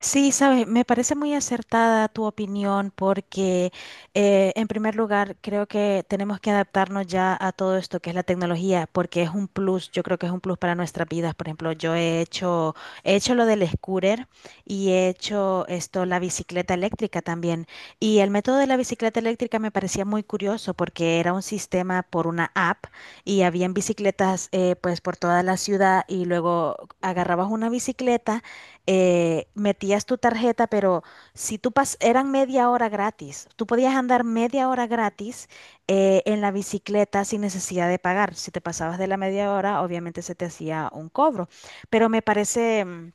Sí, sabes, me parece muy acertada tu opinión porque en primer lugar creo que tenemos que adaptarnos ya a todo esto que es la tecnología porque es un plus, yo creo que es un plus para nuestras vidas. Por ejemplo, he hecho lo del scooter y he hecho esto, la bicicleta eléctrica también. Y el método de la bicicleta eléctrica me parecía muy curioso porque era un sistema por una app y habían bicicletas pues por toda la ciudad y luego agarrabas una bicicleta, metías tu tarjeta, pero si tú pas eran media hora gratis, tú podías andar media hora gratis en la bicicleta sin necesidad de pagar. Si te pasabas de la media hora, obviamente se te hacía un cobro. Pero me parece, mm,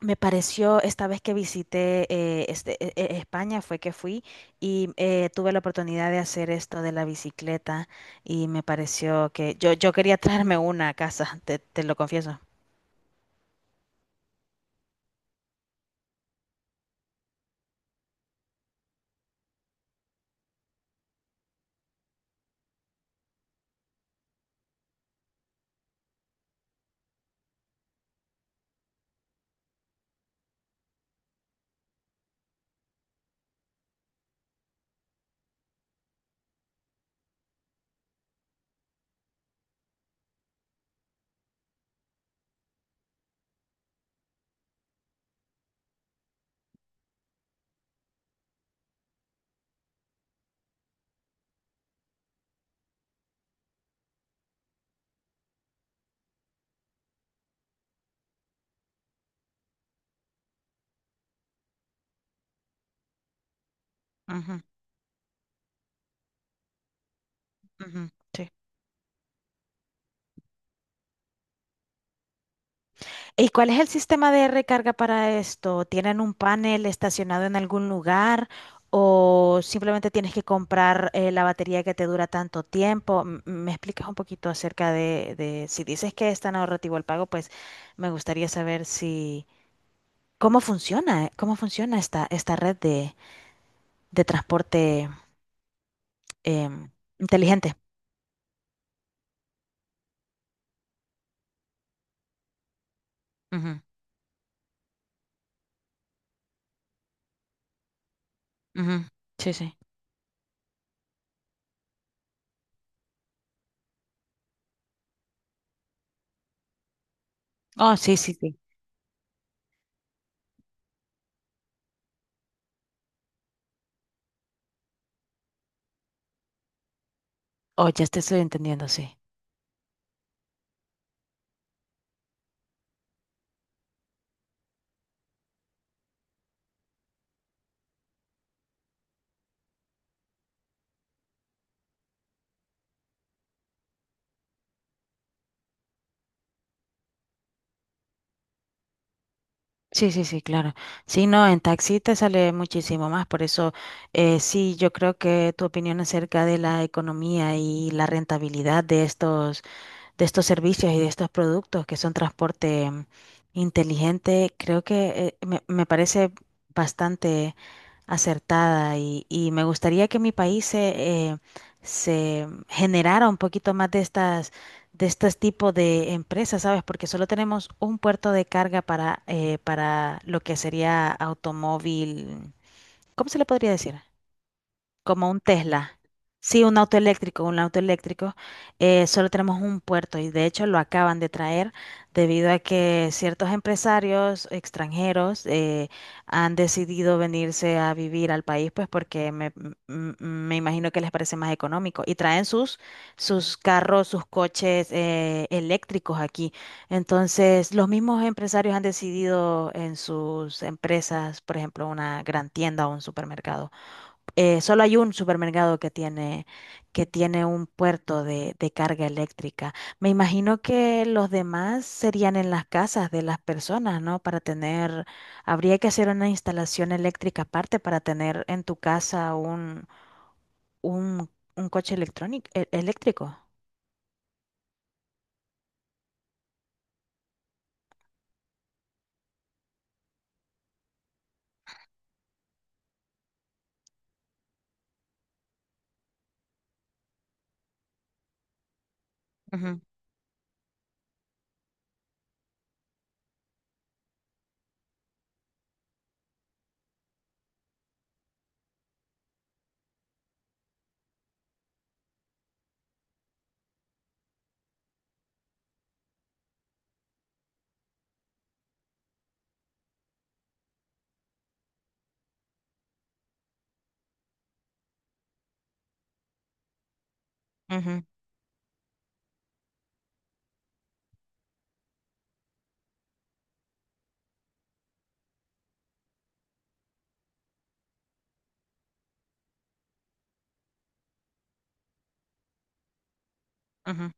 Me pareció esta vez que visité España, fue que fui y tuve la oportunidad de hacer esto de la bicicleta y me pareció que yo quería traerme una a casa, te lo confieso. Ujú, ujú, sí. ¿Y cuál es el sistema de recarga para esto? ¿Tienen un panel estacionado en algún lugar o simplemente tienes que comprar la batería que te dura tanto tiempo? ¿Me explicas un poquito acerca de si dices que es tan ahorrativo el pago? Pues me gustaría saber si cómo funciona, cómo funciona esta, esta red de transporte em, inteligente. Ujú, ujú. Sí, sí. Oh, sí, sí, sí. Oh, ya te estoy entendiendo, sí. Sí, sí, sí, claro. Sí, no, en taxi te sale muchísimo más. Por eso, sí, yo creo que tu opinión acerca de la economía y la rentabilidad de estos, de estos servicios y de estos productos que son transporte inteligente, creo que me parece bastante acertada, y me gustaría que mi país se generara un poquito más de estas, de estos tipos de empresas, ¿sabes? Porque solo tenemos un puerto de carga para lo que sería automóvil. ¿Cómo se le podría decir? Como un Tesla. Sí, un auto eléctrico, un auto eléctrico. Solo tenemos un puerto y de hecho lo acaban de traer debido a que ciertos empresarios extranjeros han decidido venirse a vivir al país, pues porque me imagino que les parece más económico y traen sus, sus carros, sus coches eléctricos aquí. Entonces, los mismos empresarios han decidido en sus empresas, por ejemplo, una gran tienda o un supermercado. Eh, solo hay un supermercado que tiene un puerto de carga eléctrica. Me imagino que los demás serían en las casas de las personas, ¿no? Para tener, habría que hacer una instalación eléctrica aparte para tener en tu casa un, un coche electrónico, eléctrico. Ujú, ujú, ujú.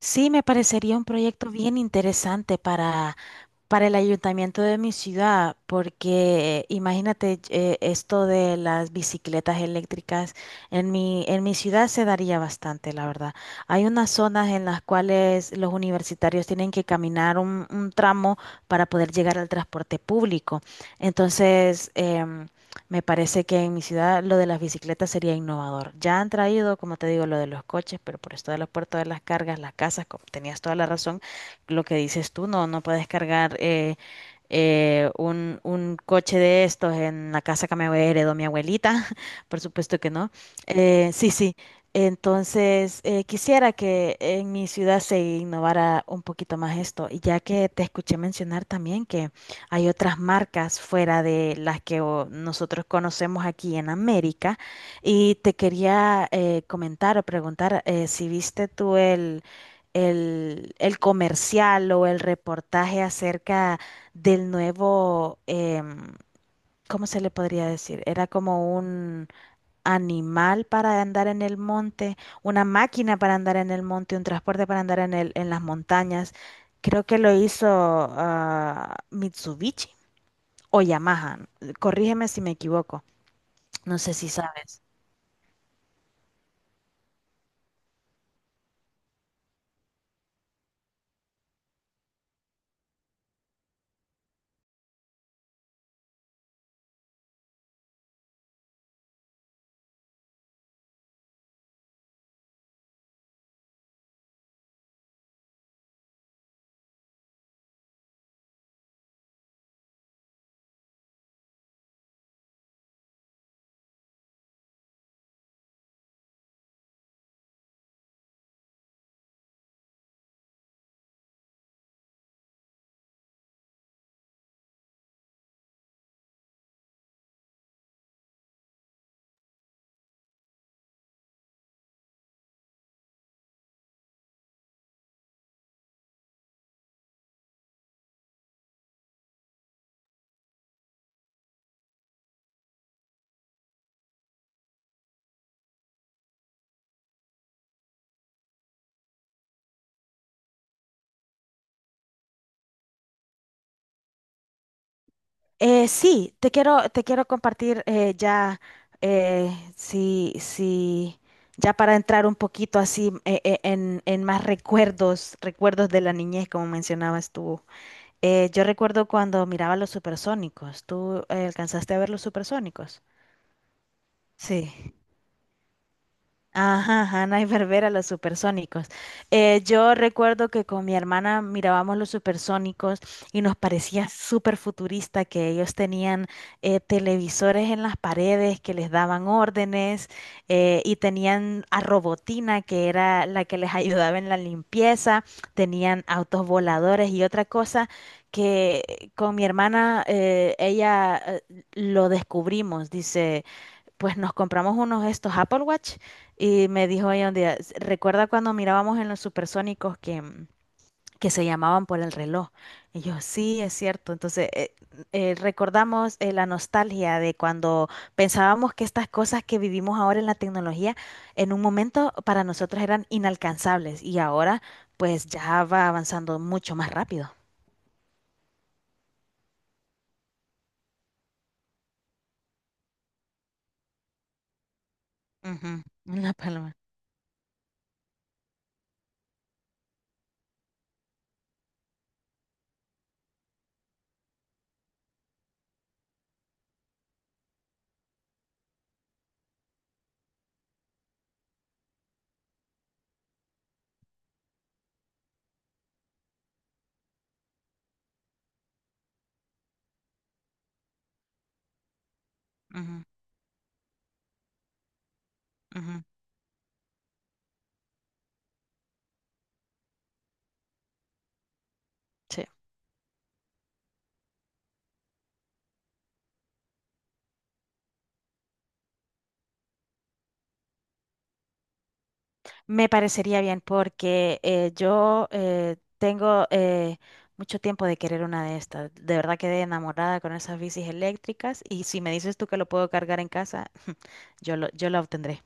Sí, me parecería un proyecto bien interesante para el ayuntamiento de mi ciudad, porque imagínate esto de las bicicletas eléctricas, en mi ciudad se daría bastante, la verdad. Hay unas zonas en las cuales los universitarios tienen que caminar un tramo para poder llegar al transporte público. Entonces, me parece que en mi ciudad lo de las bicicletas sería innovador. Ya han traído, como te digo, lo de los coches, pero por esto de los puertos de las cargas, las casas, como tenías toda la razón lo que dices tú, no, no puedes cargar un coche de estos en la casa que me heredó mi abuelita, por supuesto que no. Sí, sí. Entonces, quisiera que en mi ciudad se innovara un poquito más esto, y ya que te escuché mencionar también que hay otras marcas fuera de las que oh, nosotros conocemos aquí en América, y te quería comentar o preguntar si viste tú el comercial o el reportaje acerca del nuevo, ¿cómo se le podría decir? Era como un animal para andar en el monte, una máquina para andar en el monte, un transporte para andar en el, en las montañas. Creo que lo hizo Mitsubishi o Yamaha. Corrígeme si me equivoco. No sé si sabes. Sí, te quiero compartir sí, sí, ya para entrar un poquito así en más recuerdos, recuerdos de la niñez, como mencionabas tú. Yo recuerdo cuando miraba los supersónicos. ¿Tú alcanzaste a ver los supersónicos? Sí. Ajá, ajá, Ana y Barbera, los supersónicos. Yo recuerdo que con mi hermana mirábamos los supersónicos y nos parecía súper futurista que ellos tenían televisores en las paredes que les daban órdenes, y tenían a Robotina, que era la que les ayudaba en la limpieza, tenían autos voladores. Y otra cosa que con mi hermana ella lo descubrimos, dice, pues nos compramos unos de estos Apple Watch y me dijo ella un día, ¿Recuerda cuando mirábamos en los supersónicos que se llamaban por el reloj?" Y yo, sí, es cierto. Entonces, recordamos la nostalgia de cuando pensábamos que estas cosas que vivimos ahora en la tecnología, en un momento para nosotros eran inalcanzables, y ahora pues ya va avanzando mucho más rápido. Ujú, una paloma. Ujú, ujú, sí. Me parecería bien porque yo tengo mucho tiempo de querer una de estas. De verdad quedé enamorada con esas bicis eléctricas, y si me dices tú que lo puedo cargar en casa, yo la obtendré.